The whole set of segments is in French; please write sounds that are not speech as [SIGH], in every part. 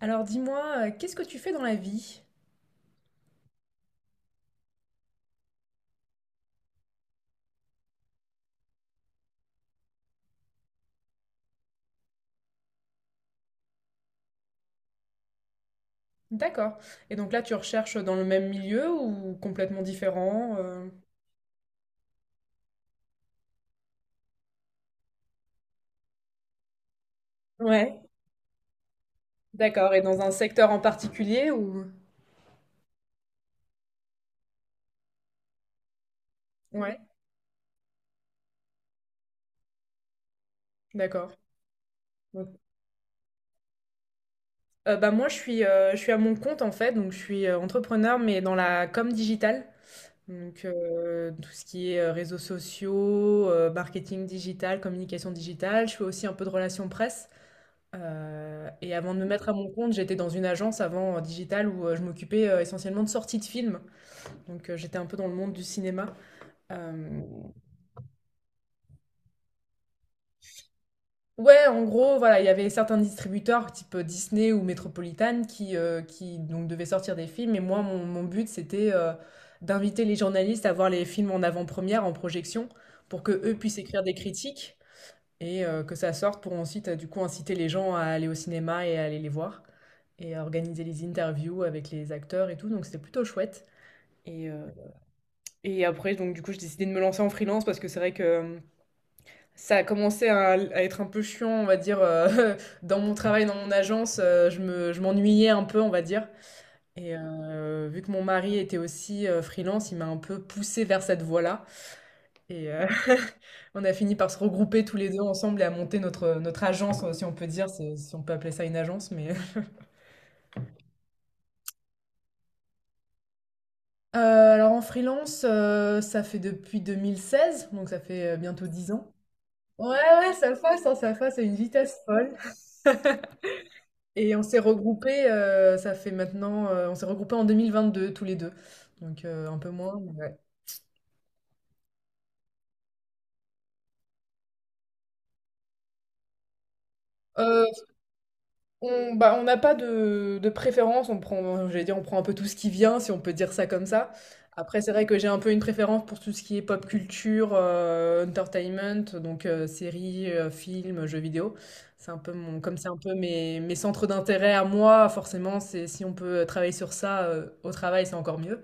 Alors dis-moi, qu'est-ce que tu fais dans la vie? D'accord. Et donc là, tu recherches dans le même milieu ou complètement différent? Ouais, d'accord. Et dans un secteur en particulier ou... Ouais, d'accord. Donc, bah moi, je suis à mon compte en fait, donc je suis entrepreneur, mais dans la com digitale. Donc tout ce qui est réseaux sociaux, marketing digital, communication digitale. Je fais aussi un peu de relations presse. Et avant de me mettre à mon compte, j'étais dans une agence avant digitale où je m'occupais essentiellement de sorties de films. Donc j'étais un peu dans le monde du cinéma. Euh, ouais, en gros, voilà, il y avait certains distributeurs type Disney ou Metropolitan qui donc devaient sortir des films. Et moi, mon but, c'était d'inviter les journalistes à voir les films en avant-première, en projection, pour que eux puissent écrire des critiques, et que ça sorte pour ensuite du coup inciter les gens à aller au cinéma et à aller les voir et à organiser les interviews avec les acteurs et tout. Donc c'était plutôt chouette. Et, euh, et après, donc du coup, j'ai décidé de me lancer en freelance parce que c'est vrai que ça a commencé à être un peu chiant, on va dire, [LAUGHS] dans mon travail, dans mon agence, euh, je m'ennuyais un peu, on va dire. Et vu que mon mari était aussi freelance, il m'a un peu poussé vers cette voie-là. Et [LAUGHS] on a fini par se regrouper tous les deux ensemble et à monter notre agence, si on peut dire, si on peut appeler ça une agence. Mais... [LAUGHS] Euh, alors en freelance, ça fait depuis 2016 donc ça fait bientôt 10 ans. Ouais, ouais, ça fasse, hein, ça fasse à une vitesse folle. Et on s'est regroupés, on s'est regroupés en 2022 tous les deux. Donc un peu moins, mais ouais. Euh, On, bah, on n'a pas de préférence, on prend, j'allais dire, on prend un peu tout ce qui vient, si on peut dire ça comme ça. Après, c'est vrai que j'ai un peu une préférence pour tout ce qui est pop culture, entertainment, donc séries, films, jeux vidéo. C'est un peu mon, comme c'est un peu mes centres d'intérêt à moi, forcément, c'est si on peut travailler sur ça au travail, c'est encore mieux.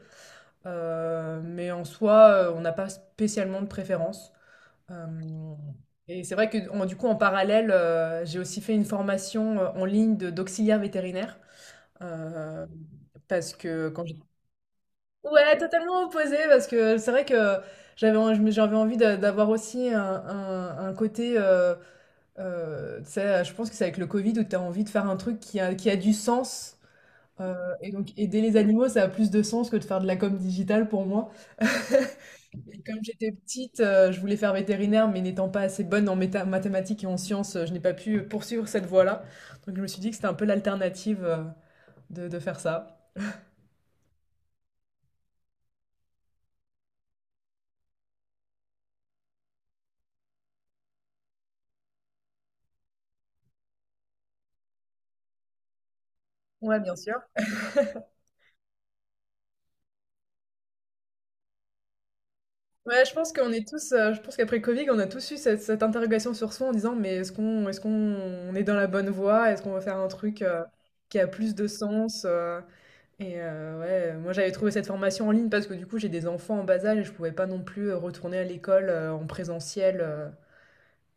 Mais en soi, on n'a pas spécialement de préférence. Euh, et c'est vrai que du coup, en parallèle, j'ai aussi fait une formation en ligne d'auxiliaire vétérinaire. Euh, parce que quand j'ai- Ouais, totalement opposé, parce que c'est vrai que j'avais en- je me- j'avais envie d'avoir aussi un côté, tu sais, je pense que c'est avec le Covid où tu as envie de faire un truc qui a du sens. Et donc aider les animaux, ça a plus de sens que de faire de la com digitale pour moi. Et comme j'étais petite, je voulais faire vétérinaire, mais n'étant pas assez bonne en mathématiques et en sciences, je n'ai pas pu poursuivre cette voie-là. Donc je me suis dit que c'était un peu l'alternative de faire ça. Ouais, bien sûr. Ouais, je pense qu'on est tous, je pense qu'après Covid, on a tous eu cette interrogation sur soi en disant, mais est-ce qu'on on est dans la bonne voie? Est-ce qu'on va faire un truc qui a plus de sens? Et ouais, moi j'avais trouvé cette formation en ligne parce que du coup j'ai des enfants en bas âge et je pouvais pas non plus retourner à l'école en présentiel.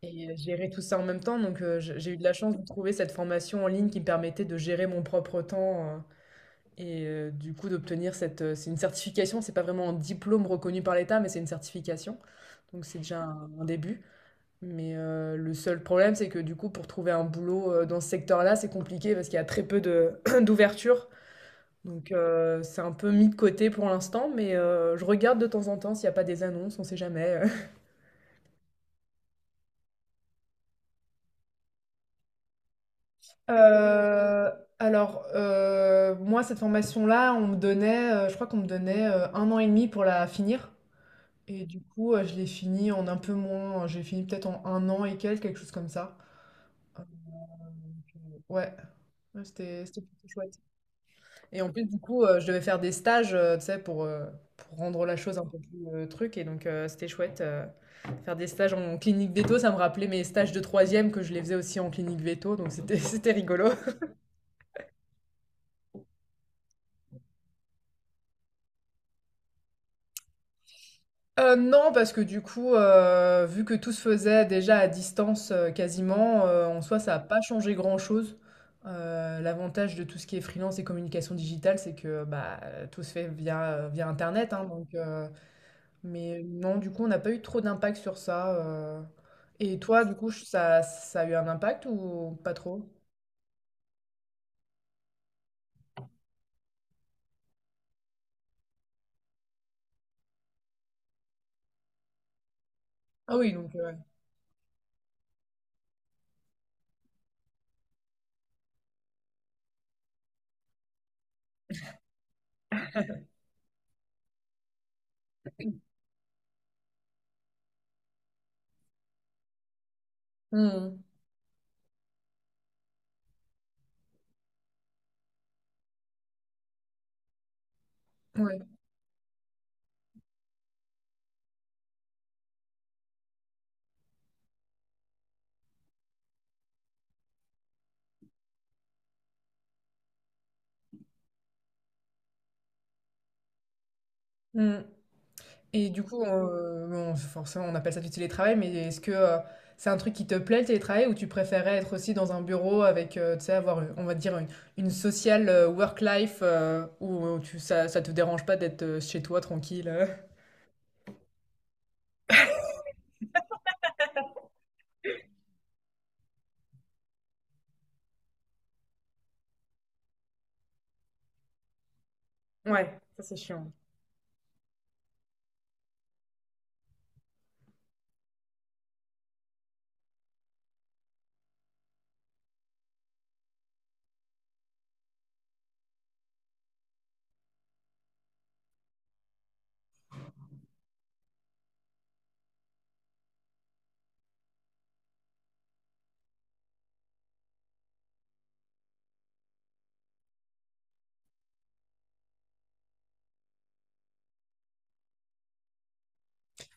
Et, gérer tout ça en même temps, donc heu, j'ai eu de la chance de trouver cette formation en ligne qui me permettait de gérer mon propre temps, et du coup d'obtenir cette, c'est une certification, c'est pas vraiment un diplôme reconnu par l'État, mais c'est une certification, donc c'est déjà un début. Mais le seul problème, c'est que du coup, pour trouver un boulot, dans ce secteur-là, c'est compliqué parce qu'il y a très peu de [CLEARS THROAT] d'ouverture donc c'est un peu mis de côté pour l'instant, mais je regarde de temps en temps s'il y a pas des annonces, on sait jamais. Euh, alors, moi, cette formation-là, on me donnait, je crois qu'on me donnait 1 an et demi pour la finir. Et du coup, je l'ai fini en un peu moins. J'ai fini peut-être en 1 an et quelques, quelque chose comme ça. Euh, ouais, ouais, c'était plutôt chouette. Et en plus, du coup, je devais faire des stages, tu sais, pour rendre la chose un peu plus truc. Et donc, c'était chouette. Faire des stages en clinique veto, ça me rappelait mes stages de troisième que je les faisais aussi en clinique veto. Donc, c'était [LAUGHS] c'était rigolo. Non, parce que du coup, vu que tout se faisait déjà à distance, quasiment, en soi, ça a pas changé grand-chose. L'avantage de tout ce qui est freelance et communication digitale, c'est que, bah, tout se fait via internet, hein, donc mais non, du coup, on n'a pas eu trop d'impact sur ça, heu et toi, du coup, ça a eu un impact ou pas trop? Ah oui, donc ouais. Mmh. Ouais. Mmh. Et du coup, bon, forcément, on appelle ça du télétravail, mais est-ce que, c'est un truc qui te plaît le télétravail ou tu préférais être aussi dans un bureau avec, tu sais, avoir, on va dire, une sociale work life, où tu ça te dérange pas d'être, chez toi tranquille, Ouais, ça c'est chiant.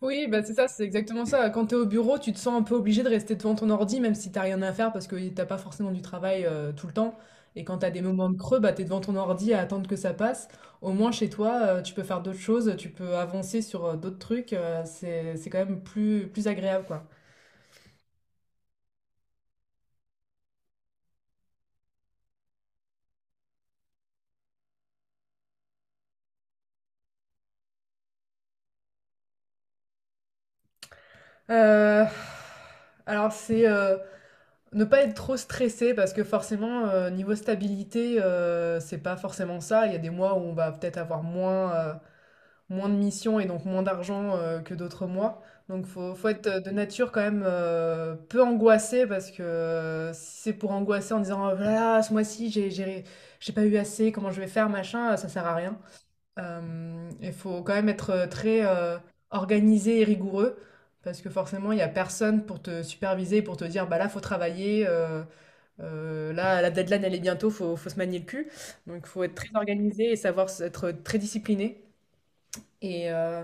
Oui, bah c'est ça, c'est exactement ça. Quand tu es au bureau, tu te sens un peu obligé de rester devant ton ordi, même si t'as rien à faire, parce que t'as pas forcément du travail tout le temps. Et quand t'as des moments de creux, bah, tu es devant ton ordi à attendre que ça passe. Au moins, chez toi, tu peux faire d'autres choses, tu peux avancer sur d'autres trucs. C'est quand même plus, plus agréable, quoi. Euh, Alors, c'est ne pas être trop stressé parce que forcément, niveau stabilité, c'est pas forcément ça. Il y a des mois où on va peut-être avoir moins. Moins de missions et donc moins d'argent que d'autres mois. Donc faut être de nature quand même peu angoissé parce que si c'est pour angoisser en disant oh là ce mois-ci j'ai pas eu assez, comment je vais faire, machin, ça sert à rien. Il faut quand même être très organisé et rigoureux parce que forcément il y a personne pour te superviser, pour te dire bah là faut travailler, là la deadline elle est bientôt, faut se manier le cul. Donc faut être très organisé et savoir être très discipliné. Et, euh,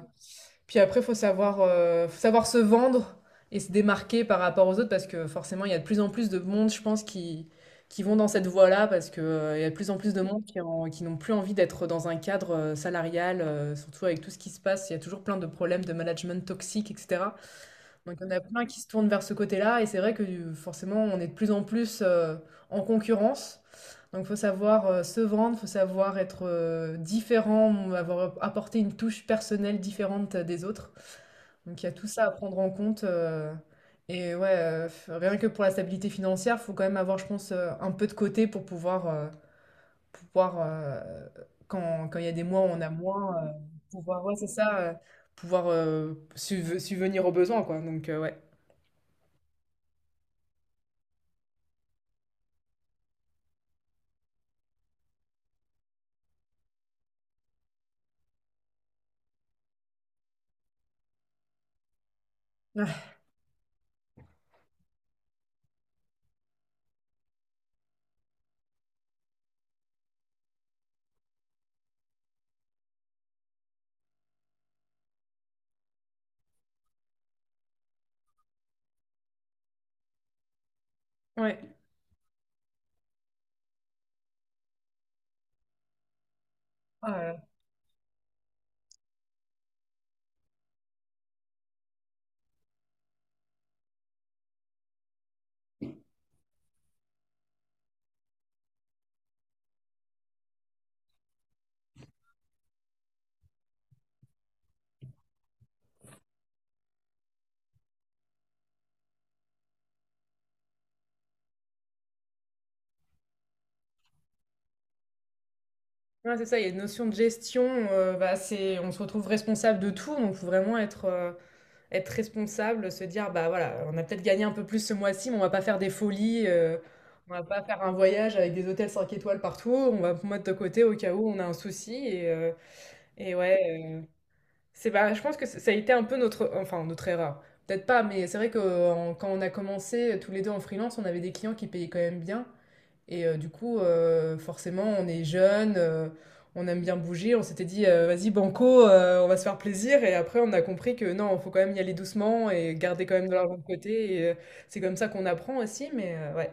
Puis après, faut savoir se vendre et se démarquer par rapport aux autres parce que forcément, il y a de plus en plus de monde, je pense, qui vont dans cette voie-là parce que, il y a de plus en plus de monde qui n'ont plus envie d'être dans un cadre salarial, surtout avec tout ce qui se passe. Il y a toujours plein de problèmes de management toxique, etc. Donc, il y en a plein qui se tournent vers ce côté-là et c'est vrai que forcément, on est de plus en plus en concurrence. Donc, faut savoir se vendre, faut savoir être différent, avoir apporté une touche personnelle différente des autres. Donc il y a tout ça à prendre en compte. Et ouais, rien que pour la stabilité financière, faut quand même avoir, je pense, un peu de côté pour pouvoir, pouvoir euh, quand, quand il y a des mois où on a moins, ouais, c'est ça, subvenir aux besoins, quoi. Donc ouais. Ah, ouais. Ah là là. Ouais, c'est ça, il y a une notion de gestion, bah, c'est, on se retrouve responsable de tout, donc faut vraiment être, être responsable, se dire bah voilà, on a peut-être gagné un peu plus ce mois-ci, mais on va pas faire des folies, on va pas faire un voyage avec des hôtels 5 étoiles partout, on va mettre de côté au cas où on a un souci et, ouais, euh, c'est bah, je pense que ça a été un peu notre enfin notre erreur. Peut-être pas, mais c'est vrai que quand on a commencé tous les deux en freelance, on avait des clients qui payaient quand même bien. Et du coup, forcément, on est jeune, on aime bien bouger. On s'était dit, vas-y, banco, on va se faire plaisir. Et après, on a compris que non, il faut quand même y aller doucement et garder quand même de l'argent de côté. Et c'est comme ça qu'on apprend aussi, mais ouais.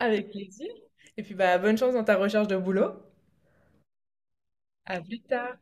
Avec plaisir. Et puis, bah, bonne chance dans ta recherche de boulot. À plus tard.